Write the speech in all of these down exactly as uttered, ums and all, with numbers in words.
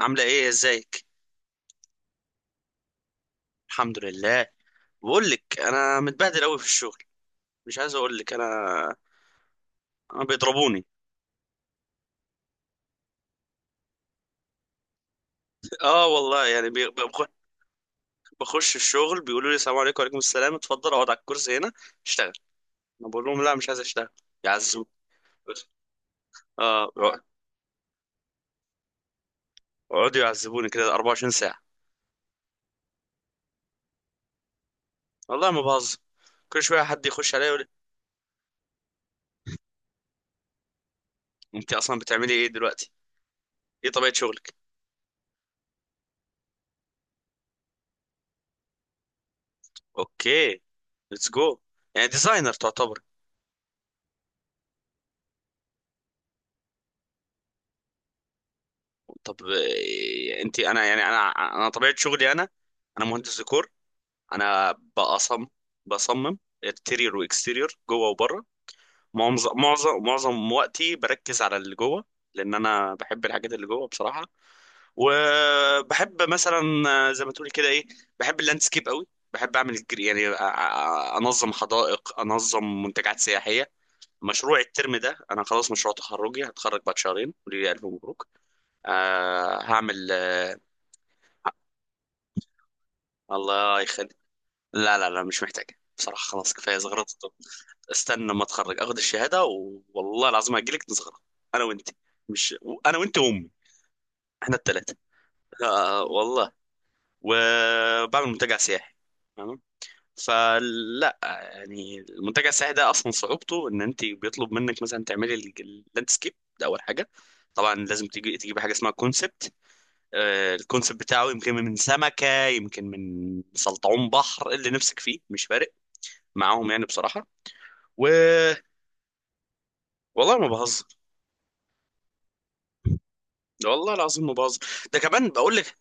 عاملة ايه ازيك؟ الحمد لله. بقول لك انا متبهدل قوي في الشغل. مش عايز اقول لك، انا انا بيضربوني. اه والله، يعني بي- بخ- بخش الشغل بيقولوا لي السلام عليكم، وعليكم السلام، اتفضل اقعد على الكرسي هنا، اشتغل. انا بقول لهم لا، مش عايز اشتغل. يعذبوني. اه. يقعدوا يعذبوني كده 24 ساعة. والله ما بهزر. كل شوية حد يخش عليا يقول لي. انت اصلا بتعملي ايه دلوقتي؟ ايه طبيعة شغلك؟ اوكي. ليتس جو. يعني ديزاينر تعتبر. طب إيه، انت انا يعني انا انا طبيعه شغلي. انا انا مهندس ديكور. انا بأصم بصمم انتيريور واكستيريور، جوه وبره. معظم معظم معظم وقتي بركز على اللي جوه، لان انا بحب الحاجات اللي جوه بصراحه. وبحب مثلا، زي ما تقولي كده، ايه، بحب اللاندسكيب قوي. بحب اعمل الجر- يعني أ- أ- انظم حدائق، انظم منتجعات سياحيه. مشروع الترم ده، انا خلاص مشروع تخرجي، هتخرج بعد شهرين، ولي الف مبروك. آه، هعمل. آه، الله يخليك. لا لا لا مش محتاج. بصراحة خلاص كفاية زغرطة. طب استنى لما اتخرج اخد الشهادة و... والله العظيم هجيلك نزغرط. انا وانت. مش انا وانت وامي. احنا الثلاثة. آه والله. وبعمل منتجع سياحي. تمام. فلا، يعني المنتجع السياحي ده اصلا صعوبته ان انت بيطلب منك مثلا تعملي ال- اللاندسكيب. ده اول حاجة. طبعا لازم تجي تجيبي حاجة اسمها كونسبت. الكونسبت بتاعه يمكن من سمكة، يمكن من سلطعون بحر، اللي نفسك فيه مش فارق معاهم يعني بصراحه. و... والله ما بهزر. ده والله العظيم ما بهزر. ده كمان بقول لك.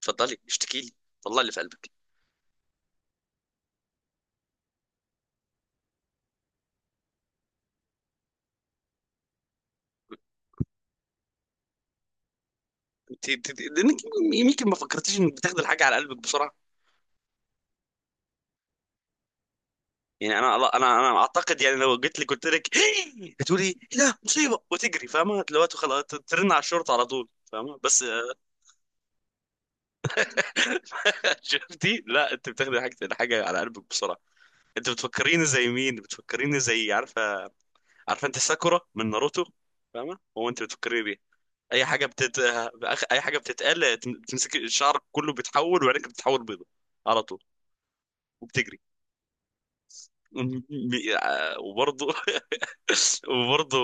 اتفضلي اشتكي لي. طلع اللي في قلبك. انت انت- انت- لانك يمكن ما فكرتيش انك بتاخدي الحاجه على قلبك بسرعه. يعني انا انا انا اعتقد يعني لو جيت لي قلت لك، هتقولي لا مصيبه، وتجري، فاهمه دلوقتي؟ خلاص ترن على الشرطه على طول، فاهمه؟ بس شفتي؟ لا، انت بتاخدي حاجه الحاجه على قلبك بسرعه. انت بتفكريني زي مين؟ بتفكريني زي، عارفه؟ عارفه انت ساكورا من ناروتو؟ فاهمه؟ هو انت بتفكريني بيه. اي حاجه بتت... بأخ- اي حاجه بتتقال بتمسك الشعر كله، بيتحول وعينك بتتحول بيضه على طول، وبتجري. وبرضه وبرضه.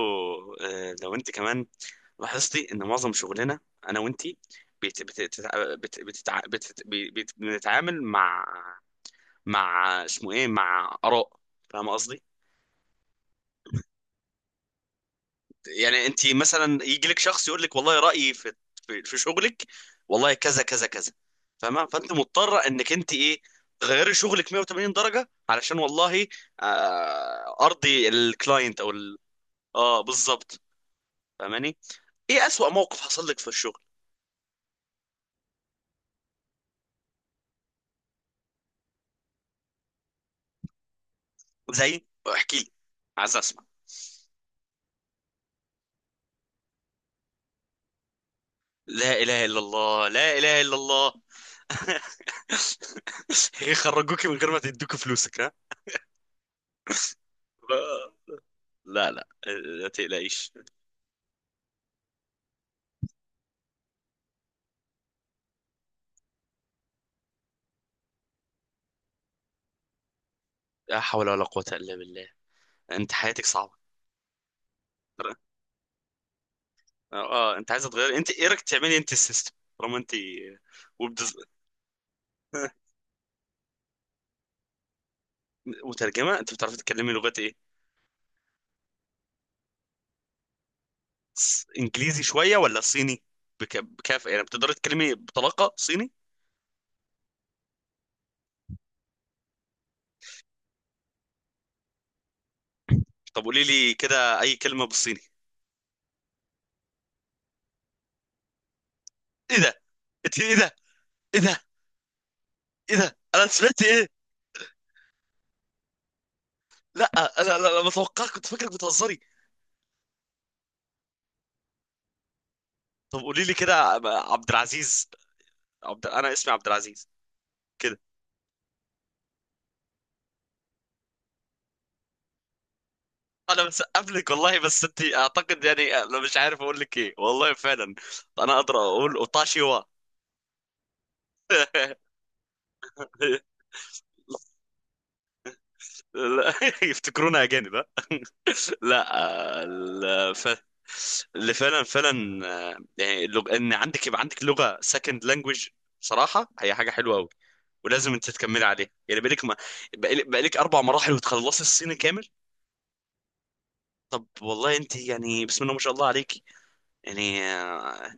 آه، لو انت كمان لاحظتي ان معظم شغلنا، انا وانتي، بت... بت... بتتع- بت... بتتع... بت... بت... بنتعامل مع، مع اسمه ايه، مع اراء. فاهم قصدي؟ يعني انت مثلا يجي لك شخص يقول لك، والله رايي في، في في شغلك، والله كذا كذا كذا، فاهمه؟ فانت مضطره انك انت ايه، تغيري شغلك مية وتمانين درجة درجه، علشان والله آه ارضي الكلاينت او ال... اه بالظبط. فاهماني؟ ايه اسوأ موقف حصل لك في الشغل؟ زي؟ احكي لي، عايز اسمع. لا اله الا الله، لا اله الا الله. يخرجوكي من غير ما تدوكي فلوسك؟ ها؟ لا لا، لا تقلقيش. لا حول ولا قوة إلا بالله. انت حياتك صعبه. اه. آه، انت عايزه تغير؟ انت ايه رايك تعملي انت السيستم، طالما انت. وب. وترجمه؟ انت بتعرفي تتكلمي لغات ايه؟ ص- انجليزي شويه ولا صيني؟ بك... بكافة؟ يعني بتقدري تتكلمي بطلاقه صيني؟ طب قولي لي كده اي كلمه بالصيني. ايه ده؟ انت ايه ده؟ ايه ده؟ ايه ده؟ انا سمعت ايه؟ لا، انا انا أنا متوقع، كنت فاكرك بتهزري. طب قولي لي كده. عبد العزيز. عبد... انا اسمي عبد العزيز. انا مسقف لك والله. بس انت اعتقد يعني، انا مش عارف اقول لك ايه والله فعلا. انا اقدر اقول اوتاشيوا. لا يفتكرونا اجانب؟ ها؟ لا. آه، ال- ف... اللي فعلا فعلا، آه، يعني اللغ... ان عندك، يبقى عندك لغه، سكند لانجوج، بصراحه هي حاجه حلوه قوي، ولازم انت تكملي عليها. يعني بقالك ما، بقالك بقالك اربع مراحل وتخلصي الصيني كامل. طب والله انت يعني بسم الله ما شاء الله عليكي. يعني آه،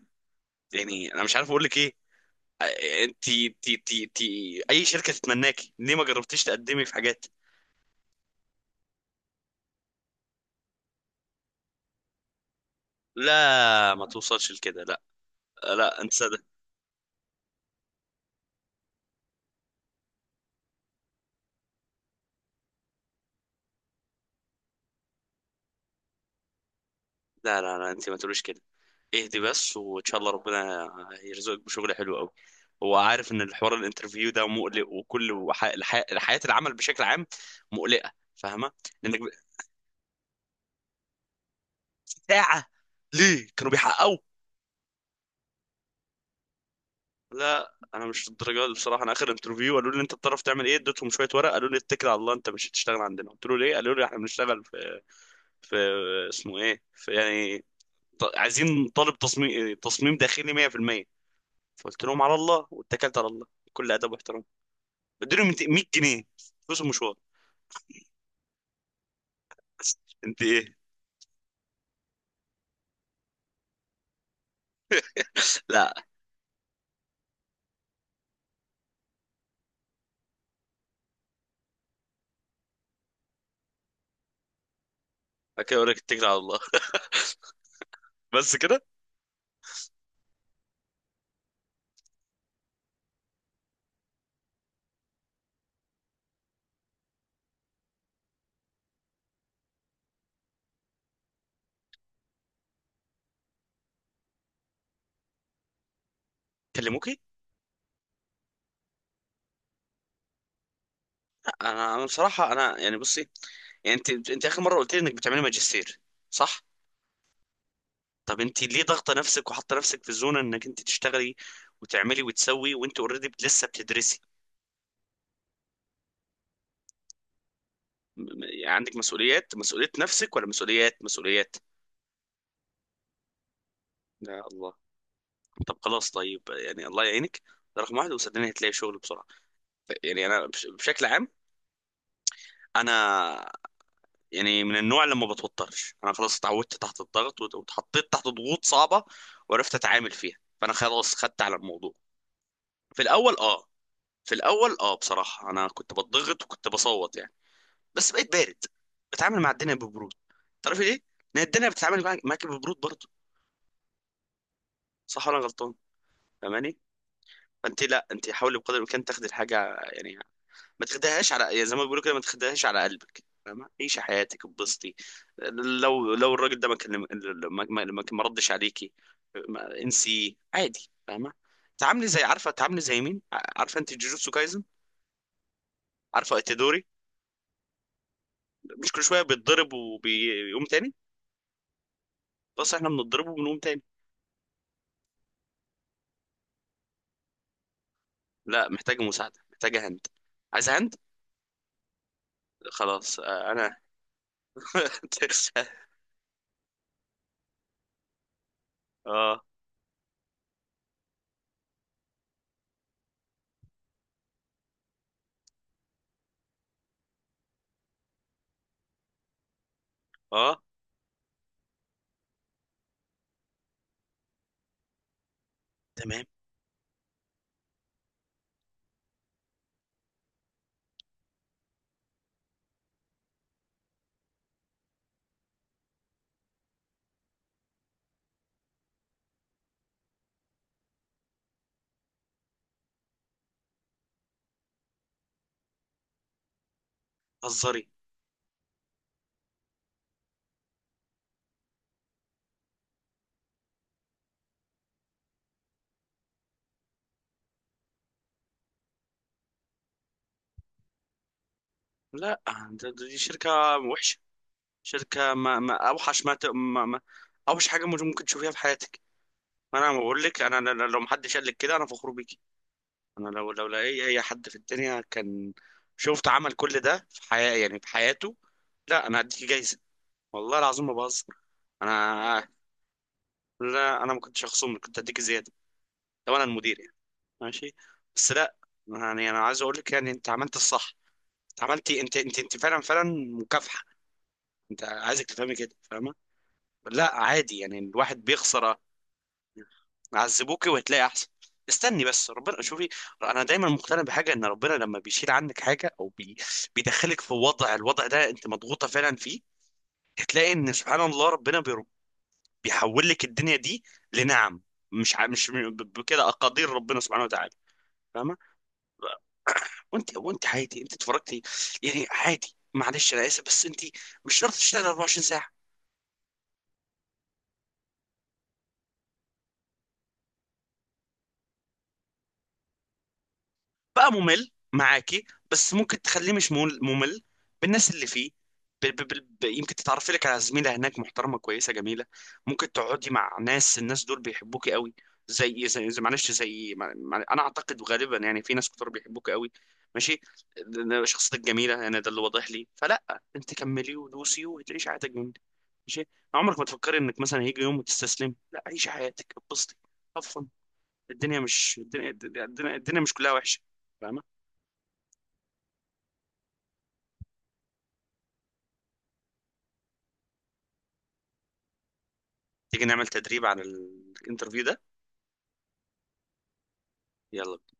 يعني انا مش عارف اقول لك ايه. انتي تي تي تي اي شركه تتمناكي، ليه ما جربتيش تقدمي في حاجات؟ لا، ما توصلش لكده. لا، لا، انت صدق. لا لا لا، انت ما تقوليش كده. اهدي بس، وان شاء الله ربنا يرزقك بشغل حلو قوي. هو عارف ان الحوار الانترفيو ده مقلق، وكل وح... الح... حياه العمل بشكل عام مقلقه، فاهمه؟ لانك ب- ساعه؟ ليه كانوا بيحققوا؟ لا انا مش الدرجه دي بصراحه. انا اخر انترفيو قالوا لي انت بتعرف تعمل ايه، اديتهم شويه ورق، قالوا لي اتكل على الله، انت مش هتشتغل عندنا. قلت له ليه؟ قالوا لي احنا بنشتغل في، اسمه ايه، في يعني، ط- عايزين طالب تصميم، تصميم داخلي مية في المية. فقلت لهم على الله، واتكلت على الله، بكل ادب واحترام اديلهم مية جنيه فلوس المشوار. انت ايه؟ لا. اوكي، اقول لك اتكل على الله. بس كده. كلموكي؟ لا، انا انا بصراحه، انا يعني بصي، يعني انت انت اخر مره قلت لي انك بتعملي ماجستير، صح؟ طب انت ليه ضاغطه نفسك وحاطه نفسك في الزونه انك انت تشتغلي وتعملي وتسوي، وانت اوريدي لسه بتدرسي؟ م- م- عندك مسؤوليات؟ مسؤولية نفسك، ولا مسؤوليات مسؤوليات؟ يا الله. طب خلاص، طيب، يعني الله يعينك. ده رقم واحد، وصدقني هتلاقي شغل بسرعة. يعني أنا بش- بشكل عام، أنا، يعني من النوع اللي ما بتوترش. أنا خلاص اتعودت تحت الضغط، وت- واتحطيت تحت ضغوط صعبة وعرفت أتعامل فيها. فأنا خلاص خدت على الموضوع. في الأول أه، في الأول أه بصراحة أنا كنت بتضغط وكنت بصوت يعني، بس بقيت بارد. بتعامل مع الدنيا ببرود. تعرفي ليه؟ لأن الدنيا بتتعامل معاك، معاك ببرود برضه. صح ولا أنا غلطان؟ فاهماني؟ فأنت لا، أنت حاولي بقدر الإمكان تاخدي الحاجة، يعني ما تاخدهاش على، يا زي ما بيقولوا كده، ما تاخدهاش على قلبك، فاهمة؟ عيشي حياتك اتبسطي. لو لو الراجل ده ما كلم، ما ما ما- ما ردش عليكي، ما- انسي عادي، فاهمة؟ تعاملي زي، عارفة؟ تعاملي زي مين، ع- عارفة انت جوجوتسو كايزن؟ عارفة اتيدوري؟ مش كل شوية بيتضرب وبيقوم تاني؟ بس احنا بنضربه وبنقوم تاني. لا محتاجة مساعدة، محتاجة هند، عايزة هند. خلاص. آه، انا. اه اه تمام. هزري. لا، ده- ده- دي شركة وحشة. شركة ما، ما أوحش ما, ت... ما, ما أوحش حاجة مش ممكن تشوفيها في حياتك. ما أنا بقول لك، أنا أنا- أنا لو محدش قال لك كده، أنا فخور بيكي. أنا لو لو لأي أي حد في الدنيا كان شفت عمل كل ده في حياة يعني في حياته، لا، أنا هديكي جايزة، والله العظيم ما بهزر. أنا، لا أنا ما كنتش هخصمك، كنت هديك زيادة لو أنا المدير يعني. ماشي، بس لا. يعني أنا عايز أقول لك، يعني أنت عملت الصح. أنت عملتي، أنت أنت أنت فعلا فعلا مكافحة. أنت عايزك تفهمي كده، فاهمة؟ لا عادي، يعني الواحد بيخسر. عذبوكي وهتلاقي احسن. استني بس ربنا، شوفي، انا دايما مقتنع بحاجه، ان ربنا لما بيشيل عنك حاجه او بي... بيدخلك في وضع، الوضع ده انت مضغوطه فعلا فيه، هتلاقي ان سبحان الله ربنا بي... بيحول لك الدنيا دي لنعم. مش ع... مش ب- بكده اقادير ربنا سبحانه وتعالى، فاهمه؟ وانت وانت عادي، انت اتفرجتي يعني عادي، معلش انا اسف، بس انت مش شرط تشتغل أربعة وعشرين. بقى ممل معاكي، بس ممكن تخليه مش مول- ممل بالناس اللي فيه. ب ب ب ب يمكن تتعرفي لك على زميلة هناك محترمة كويسة جميلة. ممكن تقعدي مع ناس، الناس دول بيحبوكي قوي. زي زي, زي معلش زي مع مع- انا اعتقد غالبا يعني في ناس كتير بيحبوكي قوي، ماشي؟ شخصيتك جميلة، يعني ده اللي واضح لي، فلا، انت كملي ودوسي وتعيشي حياتك جميلة، ماشي؟ عمرك ما تفكري انك مثلا هيجي يوم وتستسلمي، لا، عيشي حياتك اتبسطي، هاف فن. الدنيا مش الدنيا، الدنيا, الدنيا مش كلها وحشة، فاهمة؟ تيجي نعمل تدريب عن الانترفيو ده؟ يلا بينا.